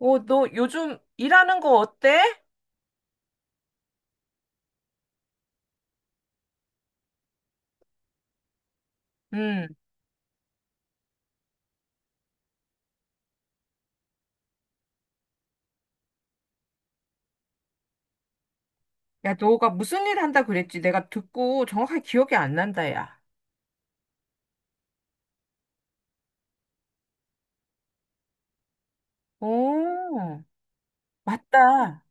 어, 너 요즘 일하는 거 어때? 음. 야, 너가 무슨 일 한다 그랬지? 내가 듣고 정확하게 기억이 안 난다, 야. 오, 맞다.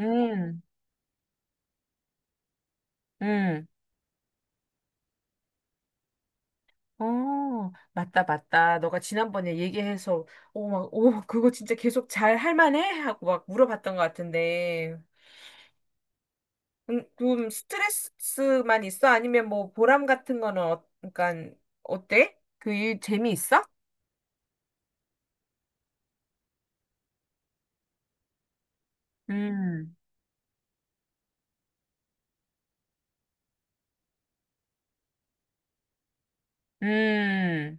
음, 음. 어, 맞다, 맞다. 너가 지난번에 얘기해서, 오, 막, 오, 그거 진짜 계속 잘 할 만해? 하고 막 물어봤던 것 같은데. 좀 스트레스만 있어? 아니면 뭐 보람 같은 거는, 어, 그러니까, 어때? 그 일 재미있어? 음, 음.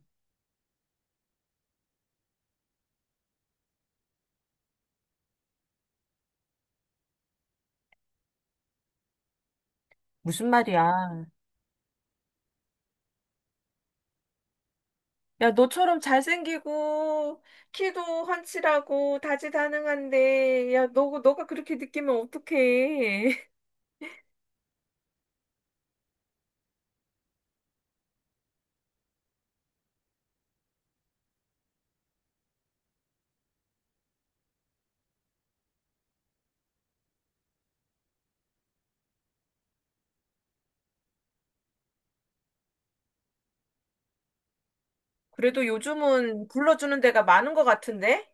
무슨 말이야? 야, 너처럼 잘생기고, 키도 환칠하고, 다재다능한데, 야, 너가 그렇게 느끼면 어떡해. 그래도 요즘은 불러주는 데가 많은 것 같은데?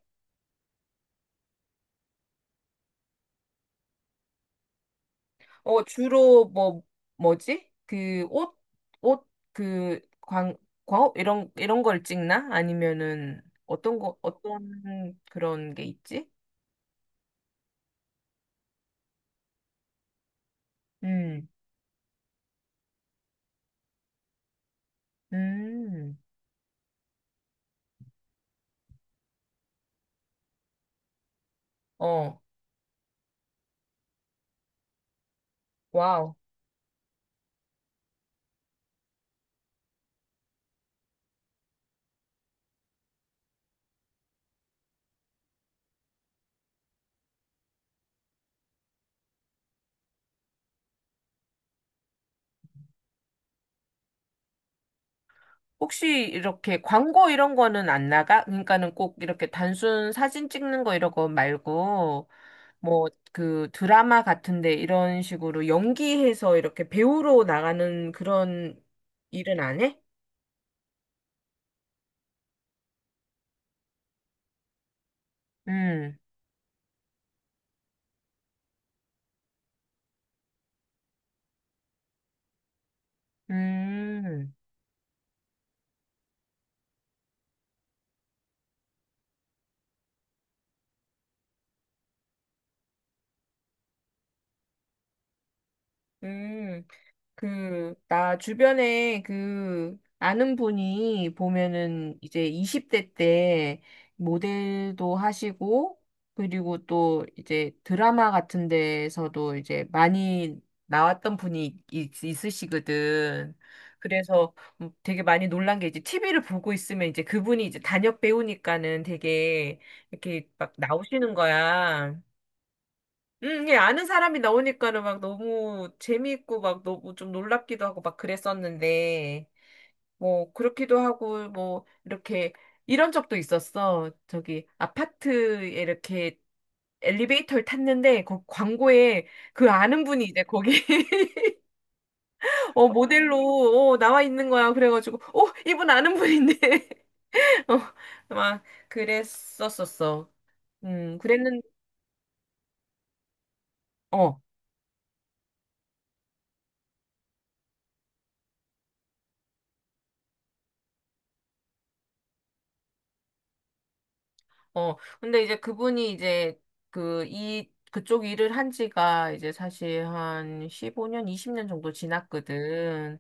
어, 주로 뭐, 뭐지? 그, 옷, 그, 광, 광업? 이런 걸 찍나? 아니면은, 어떤 그런 게 있지? 음, 음, 어, 와우. 혹시 이렇게 광고 이런 거는 안 나가? 그러니까는 꼭 이렇게 단순 사진 찍는 거 이런 거 말고 뭐 그 드라마 같은데 이런 식으로 연기해서 이렇게 배우로 나가는 그런 일은 안 해? 음, 음, 음. 그, 나 주변에 그, 아는 분이 보면은 이제 20대 때 모델도 하시고, 그리고 또 이제 드라마 같은 데서도 이제 많이 나왔던 분이 있으시거든. 그래서 되게 많이 놀란 게 이제 TV를 보고 있으면 이제 그분이 이제 단역 배우니까는 되게 이렇게 막 나오시는 거야. 이게 아는 사람이 나오니까는 막 너무 재미있고 막 너무 좀 놀랍기도 하고 막 그랬었는데, 뭐, 그렇기도 하고, 뭐, 이렇게, 이런 적도 있었어. 저기, 아파트에 이렇게 엘리베이터를 탔는데, 그 광고에 그 아는 분이 이제 거기, 어, 모델로, 어, 나와 있는 거야. 그래가지고, 어, 이분 아는 분인데. 어, 막, 그랬었었어. 음, 그랬는, 어. 어, 근데 이제 그분이 이제 그쪽 일을 한 지가 이제 사실 한 15년, 20년 정도 지났거든.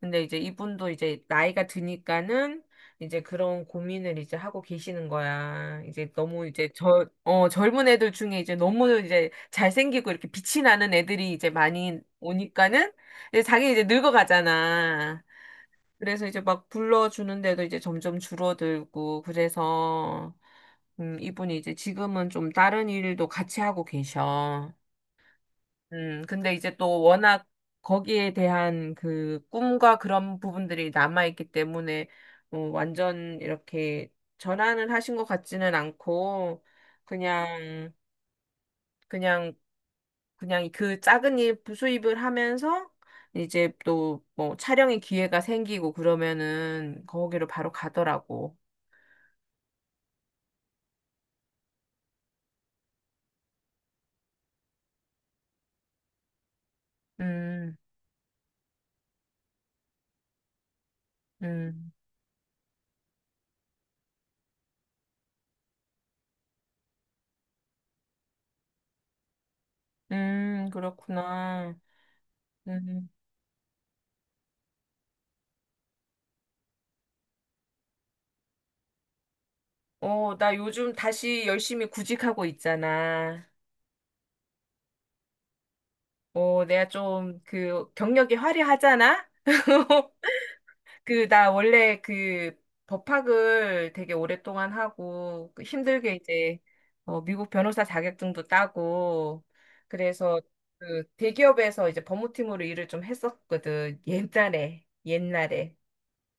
근데 이제 이분도 이제 나이가 드니까는 이제 그런 고민을 이제 하고 계시는 거야. 이제 너무 이제 어, 젊은 애들 중에 이제 너무 이제 잘생기고 이렇게 빛이 나는 애들이 이제 많이 오니까는 이제 자기 이제 늙어가잖아. 그래서 이제 막 불러주는데도 이제 점점 줄어들고, 그래서, 이분이 이제 지금은 좀 다른 일도 같이 하고 계셔. 근데 이제 또 워낙 거기에 대한 그 꿈과 그런 부분들이 남아있기 때문에, 어, 완전 이렇게 전환을 하신 것 같지는 않고, 그냥, 그냥 그냥 그 작은 일 부수입을 하면서 이제 또 뭐 촬영의 기회가 생기고 그러면은 거기로 바로 가더라고. 음, 음, 그렇구나. 음. 어, 나 요즘 다시 열심히 구직하고 있잖아. 어, 내가 좀 그 경력이 화려하잖아? 그, 나 원래 그 법학을 되게 오랫동안 하고 그 힘들게 이제 어, 미국 변호사 자격증도 따고 그래서 그 대기업에서 이제 법무팀으로 일을 좀 했었거든. 옛날에, 옛날에.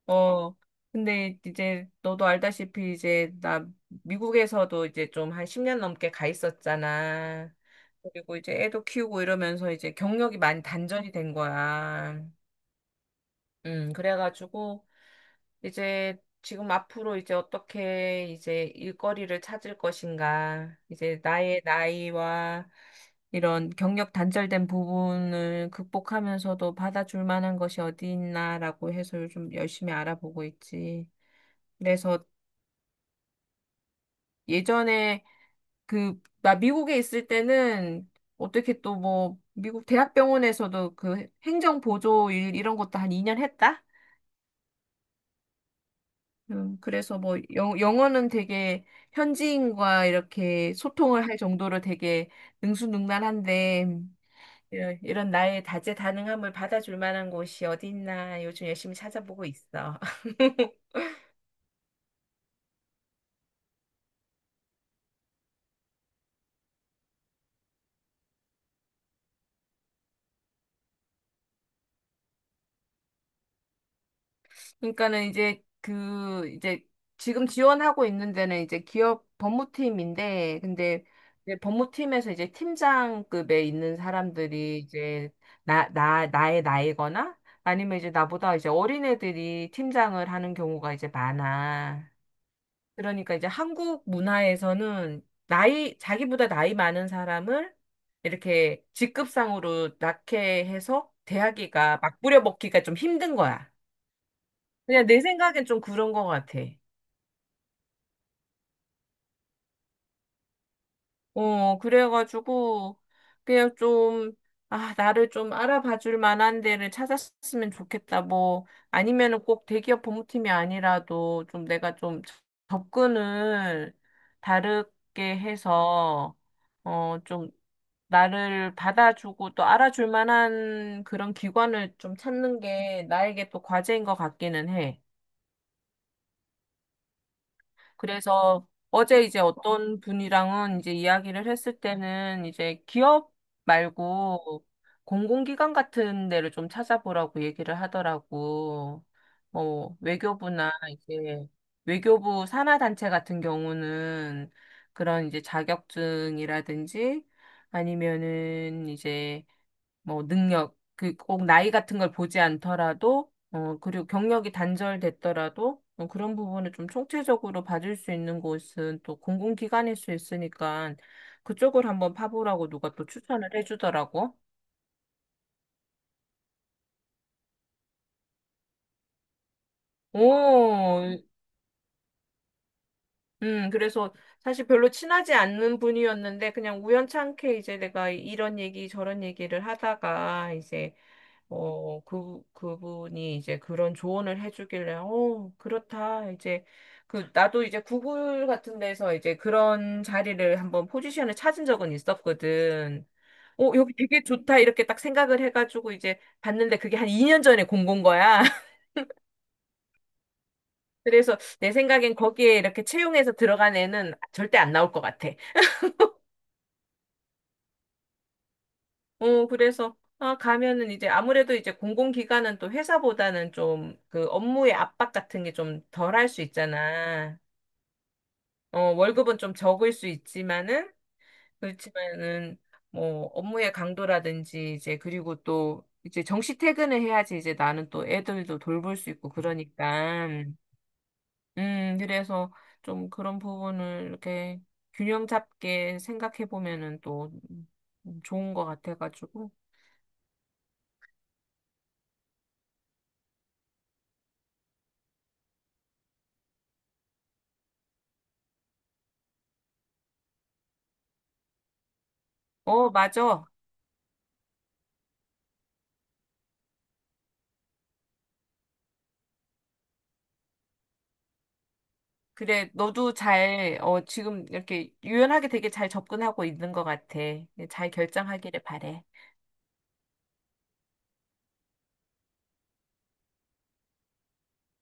어, 근데 이제 너도 알다시피 이제 나 미국에서도 이제 좀 한 10년 넘게 가 있었잖아. 그리고 이제 애도 키우고 이러면서 이제 경력이 많이 단절이 된 거야. 그래가지고 이제 지금 앞으로 이제 어떻게 이제 일거리를 찾을 것인가, 이제 나의 나이와 이런 경력 단절된 부분을 극복하면서도 받아줄 만한 것이 어디 있나라고 해서 요즘 열심히 알아보고 있지. 그래서 예전에 그, 나 미국에 있을 때는 어떻게 또 뭐, 미국 대학병원에서도 그 행정보조 일 이런 것도 한 2년 했다? 그래서 뭐 영어는 되게 현지인과 이렇게 소통을 할 정도로 되게 능수능란한데 이런 나의 다재다능함을 받아줄 만한 곳이 어디 있나 요즘 열심히 찾아보고 있어. 그러니까는 이제 그 이제 지금 지원하고 있는 데는 이제 기업 법무팀인데 근데 이제 법무팀에서 이제 팀장급에 있는 사람들이 이제 나의 나이거나 아니면 이제 나보다 이제 어린애들이 팀장을 하는 경우가 이제 많아. 그러니까 이제 한국 문화에서는 나이, 자기보다 나이 많은 사람을 이렇게 직급상으로 낙해 해서 대하기가 막 부려먹기가 좀 힘든 거야. 그냥 내 생각엔 좀 그런 것 같아. 어, 그래가지고, 그냥 좀, 아, 나를 좀 알아봐 줄 만한 데를 찾았으면 좋겠다. 뭐, 아니면은 꼭 대기업 법무팀이 아니라도 좀 내가 좀 접근을 다르게 해서, 어, 좀 나를 받아주고 또 알아줄 만한 그런 기관을 좀 찾는 게 나에게 또 과제인 것 같기는 해. 그래서 어제 이제 어떤 분이랑은 이제 이야기를 했을 때는 이제 기업 말고 공공기관 같은 데를 좀 찾아보라고 얘기를 하더라고. 뭐 외교부나 이제 외교부 산하 단체 같은 경우는 그런 이제 자격증이라든지 아니면은 이제 뭐 능력, 그 꼭 나이 같은 걸 보지 않더라도, 어, 그리고 경력이 단절됐더라도, 어, 그런 부분을 좀 총체적으로 봐줄 수 있는 곳은 또 공공기관일 수 있으니까 그쪽을 한번 파보라고 누가 또 추천을 해주더라고. 오, 그래서 사실 별로 친하지 않는 분이었는데 그냥 우연찮게 이제 내가 이런 얘기 저런 얘기를 하다가 이제 어, 그분이 이제 그런 조언을 해주길래, 어, 그렇다. 이제, 그, 나도 이제 구글 같은 데서 이제 그런 자리를 한번 포지션을 찾은 적은 있었거든. 어, 여기 되게 좋다. 이렇게 딱 생각을 해가지고 이제 봤는데 그게 한 2년 전에 공고인 거야. 그래서 내 생각엔 거기에 이렇게 채용해서 들어간 애는 절대 안 나올 것 같아. 어, 그래서, 아, 가면은 이제 아무래도 이제 공공기관은 또 회사보다는 좀 그 업무의 압박 같은 게 좀 덜 할 수 있잖아. 어, 월급은 좀 적을 수 있지만은, 그렇지만은, 뭐, 업무의 강도라든지 이제 그리고 또 이제 정시 퇴근을 해야지 이제 나는 또 애들도 돌볼 수 있고 그러니까. 그래서 좀 그런 부분을 이렇게 균형 잡게 생각해 보면은 또 좋은 것 같아가지고. 어, 맞아. 그래, 너도 잘, 어, 지금 이렇게 유연하게 되게 잘 접근하고 있는 것 같아. 잘 결정하기를 바래.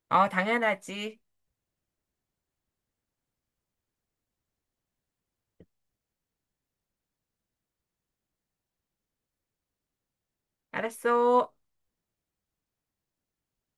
어, 당연하지. 알았어.